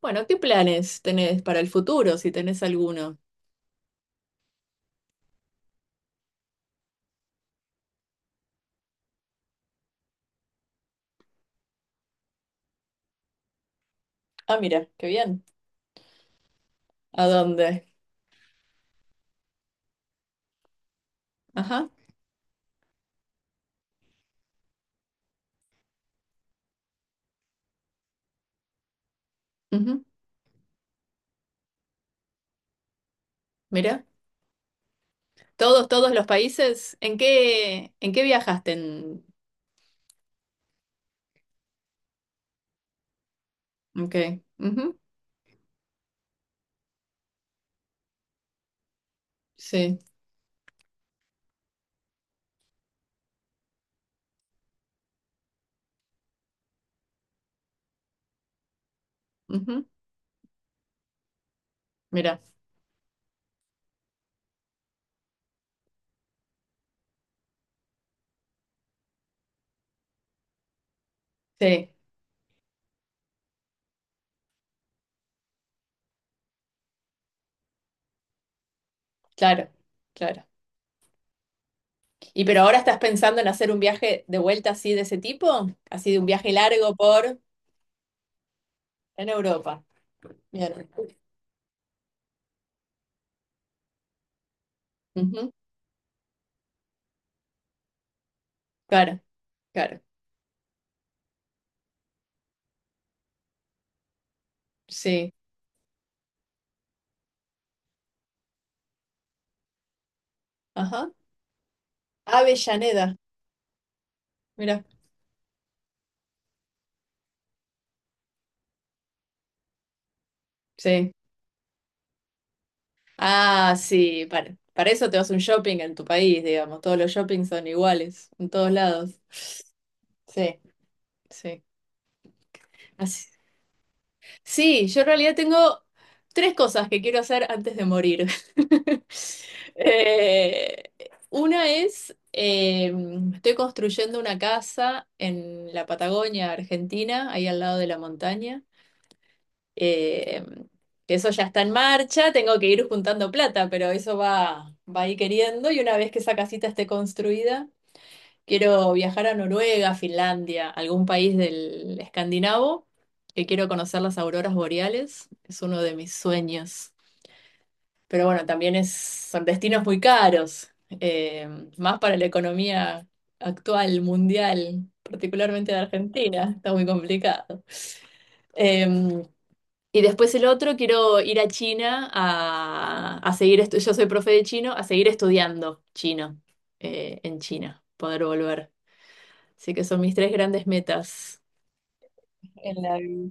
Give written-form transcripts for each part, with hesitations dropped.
Bueno, ¿qué planes tenés para el futuro, si tenés alguno? Ah, mira, qué bien. ¿A dónde? Ajá. Ujú. Mira, todos, todos los países. ¿En qué viajaste? En... Ok. Ujú. Sí. Ujú. Mira. Sí, claro, claro. ¿Y pero ahora estás pensando en hacer un viaje de vuelta así de ese tipo? Así de un viaje largo por en Europa. Bien. Ujú. Claro, claro. Sí. Ajá. Avellaneda. Mira. Sí. Ah, sí, para eso te vas a un shopping en tu país, digamos. Todos los shoppings son iguales, en todos lados. Sí, sí. Así- Sí, yo en realidad tengo tres cosas que quiero hacer antes de morir. Eh, una es, estoy construyendo una casa en la Patagonia, Argentina, ahí al lado de la montaña. Eh, eso ya está en marcha, tengo que ir juntando plata, pero eso va a ir queriendo y una vez que esa casita esté construida, quiero viajar a Noruega, Finlandia, algún país del escandinavo, que quiero conocer las auroras boreales, es uno de mis sueños. Pero bueno, también es, son destinos muy caros, eh, más para la economía actual, mundial, particularmente de Argentina, está muy complicado. Em, y después el otro, quiero ir a China a seguir, yo soy profe de chino, a seguir estudiando chino en China, poder volver. Así que son mis tres grandes metas. En la vida.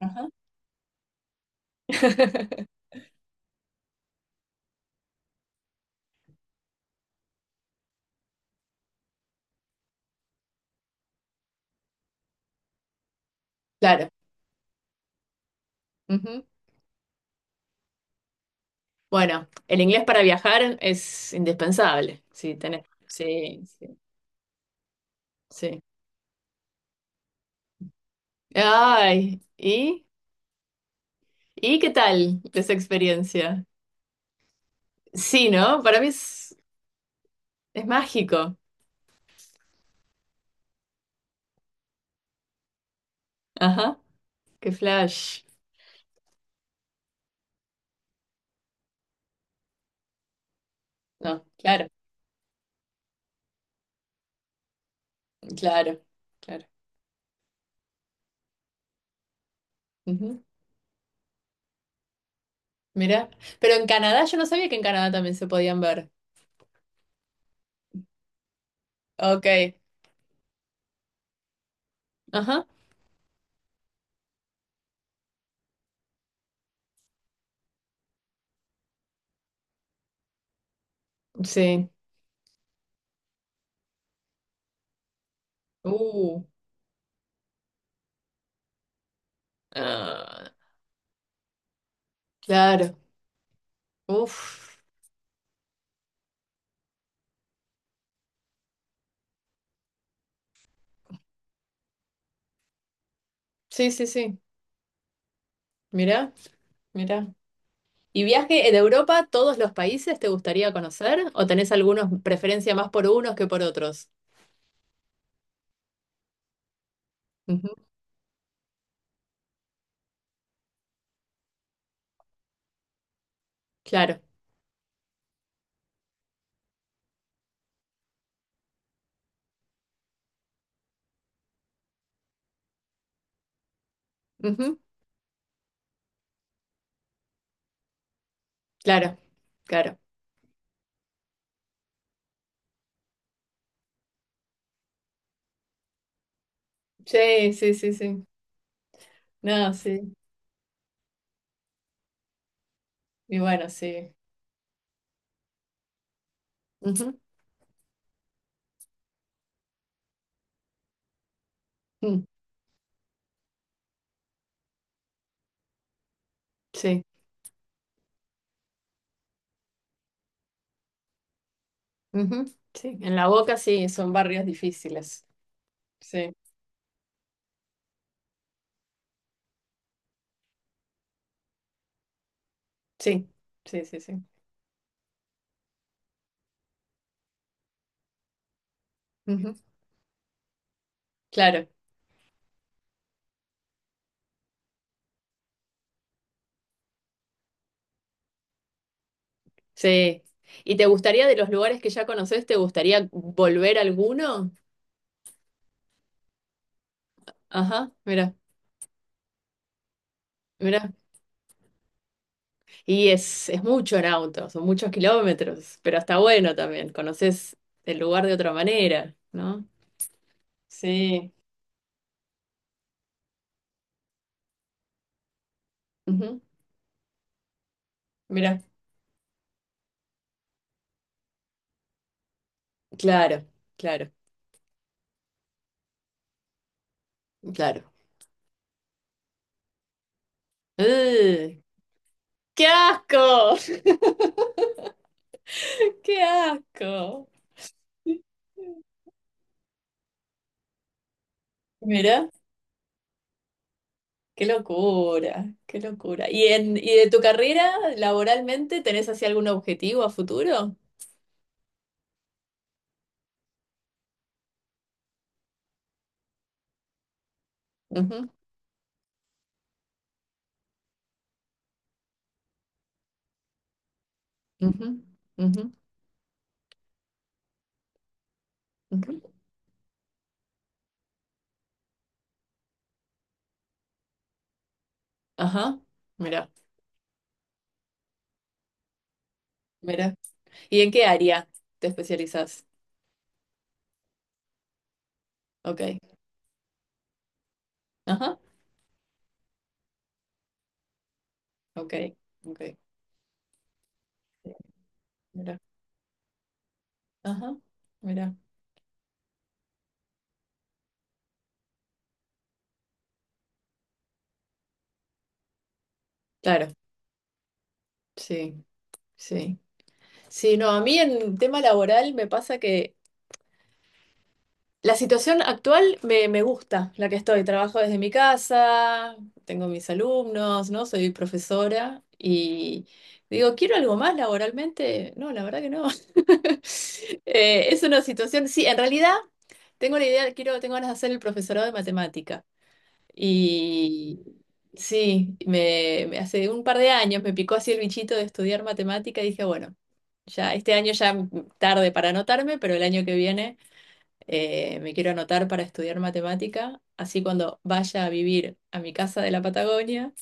Ajá. Claro. Ujú. Bueno, el inglés para viajar es indispensable. Sí, tenés. Sí, sí, sí. Ay, ¿y? ¿Y qué tal esa experiencia? Sí, ¿no? Para mí es mágico. Ajá, qué flash. No, claro. Claro, claro. Ujú. Mira, pero en Canadá yo no sabía que en Canadá también se podían ver. Ok, ajá, sí. Uh, ah, claro. Uf, sí, sí, sí. Mira, mira. ¿Y viaje de Europa, todos los países te gustaría conocer? ¿O tenés algunos preferencia más por unos que por otros? Ujú. Claro, ujú. Claro, claro. Sí, sí, sí, sí. No, sí. Y bueno, sí. Ujú. Mm. Sí. Ujú. Sí, en la Boca sí, son barrios difíciles. Sí, sí, sí, sí, sí. Ujú. Claro, sí. ¿Y te gustaría de los lugares que ya conoces, te gustaría volver a alguno? Ajá, mira, mira. Y es mucho en auto, son muchos kilómetros, pero está bueno también, conoces el lugar de otra manera, ¿no? Sí. Ujú. Mira, claro, claro, claro. ¡Ugh! ¡Qué asco! ¡Qué asco! Mira. Qué locura, qué locura. ¿Y de tu carrera laboralmente tenés así algún objetivo a futuro? Ujú, ujú, ujú, ujú. Ajá, mira, mira. ¿Y en qué área te especializas? Ok, ajá, ok, ok. Mira, ajá, mira. Claro, sí, sí. Sí, no, a mí en tema laboral me pasa que la situación actual me gusta, la que estoy. Trabajo desde mi casa, tengo mis alumnos, ¿no? Soy profesora y digo, ¿quiero algo más laboralmente? No, la verdad que no. Es una situación, sí, en realidad tengo la idea, quiero, tengo ganas de hacer el profesorado de matemática. Y sí, hace un par de años me picó así el bichito de estudiar matemática y dije, bueno, ya este año ya tarde para anotarme, pero el año que viene me quiero anotar para estudiar matemática, así cuando vaya a vivir a mi casa de la Patagonia,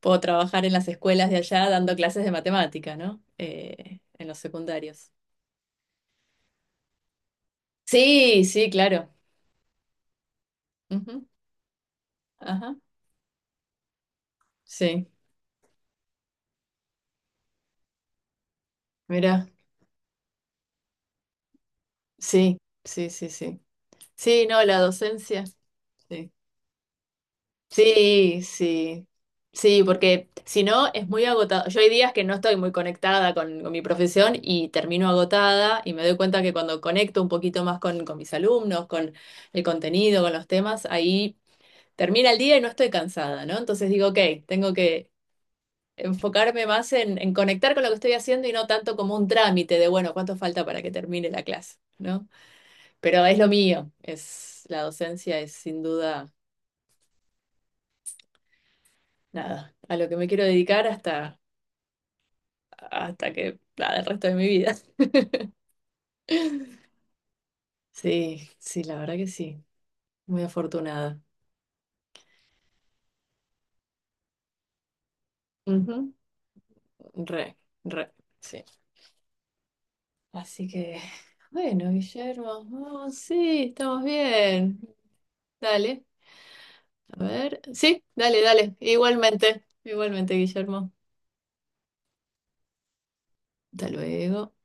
puedo trabajar en las escuelas de allá dando clases de matemática, ¿no? En los secundarios. Sí, sí, claro. Ujú. Ajá. Sí, mira, sí, sí, sí, sí. Sí, no, la docencia. Sí. Sí, sí, sí, porque si no es muy agotado. Yo hay días que no estoy muy conectada con, mi profesión y termino agotada y me doy cuenta que cuando conecto un poquito más con mis alumnos, con el contenido, con los temas, ahí termina el día y no estoy cansada, ¿no? Entonces digo, ok, tengo que enfocarme más en conectar con lo que estoy haciendo y no tanto como un trámite de, bueno, ¿cuánto falta para que termine la clase? ¿No? Pero es lo mío, es la docencia, es sin duda nada, a lo que me quiero dedicar hasta que, nada, el resto de mi vida. Sí, sí, la verdad que sí. Muy afortunada. Ujú. Re, re, sí. Así que, bueno, Guillermo, oh, sí, estamos bien. Dale, a ver. Sí, dale, dale. Igualmente, igualmente, Guillermo. Hasta luego.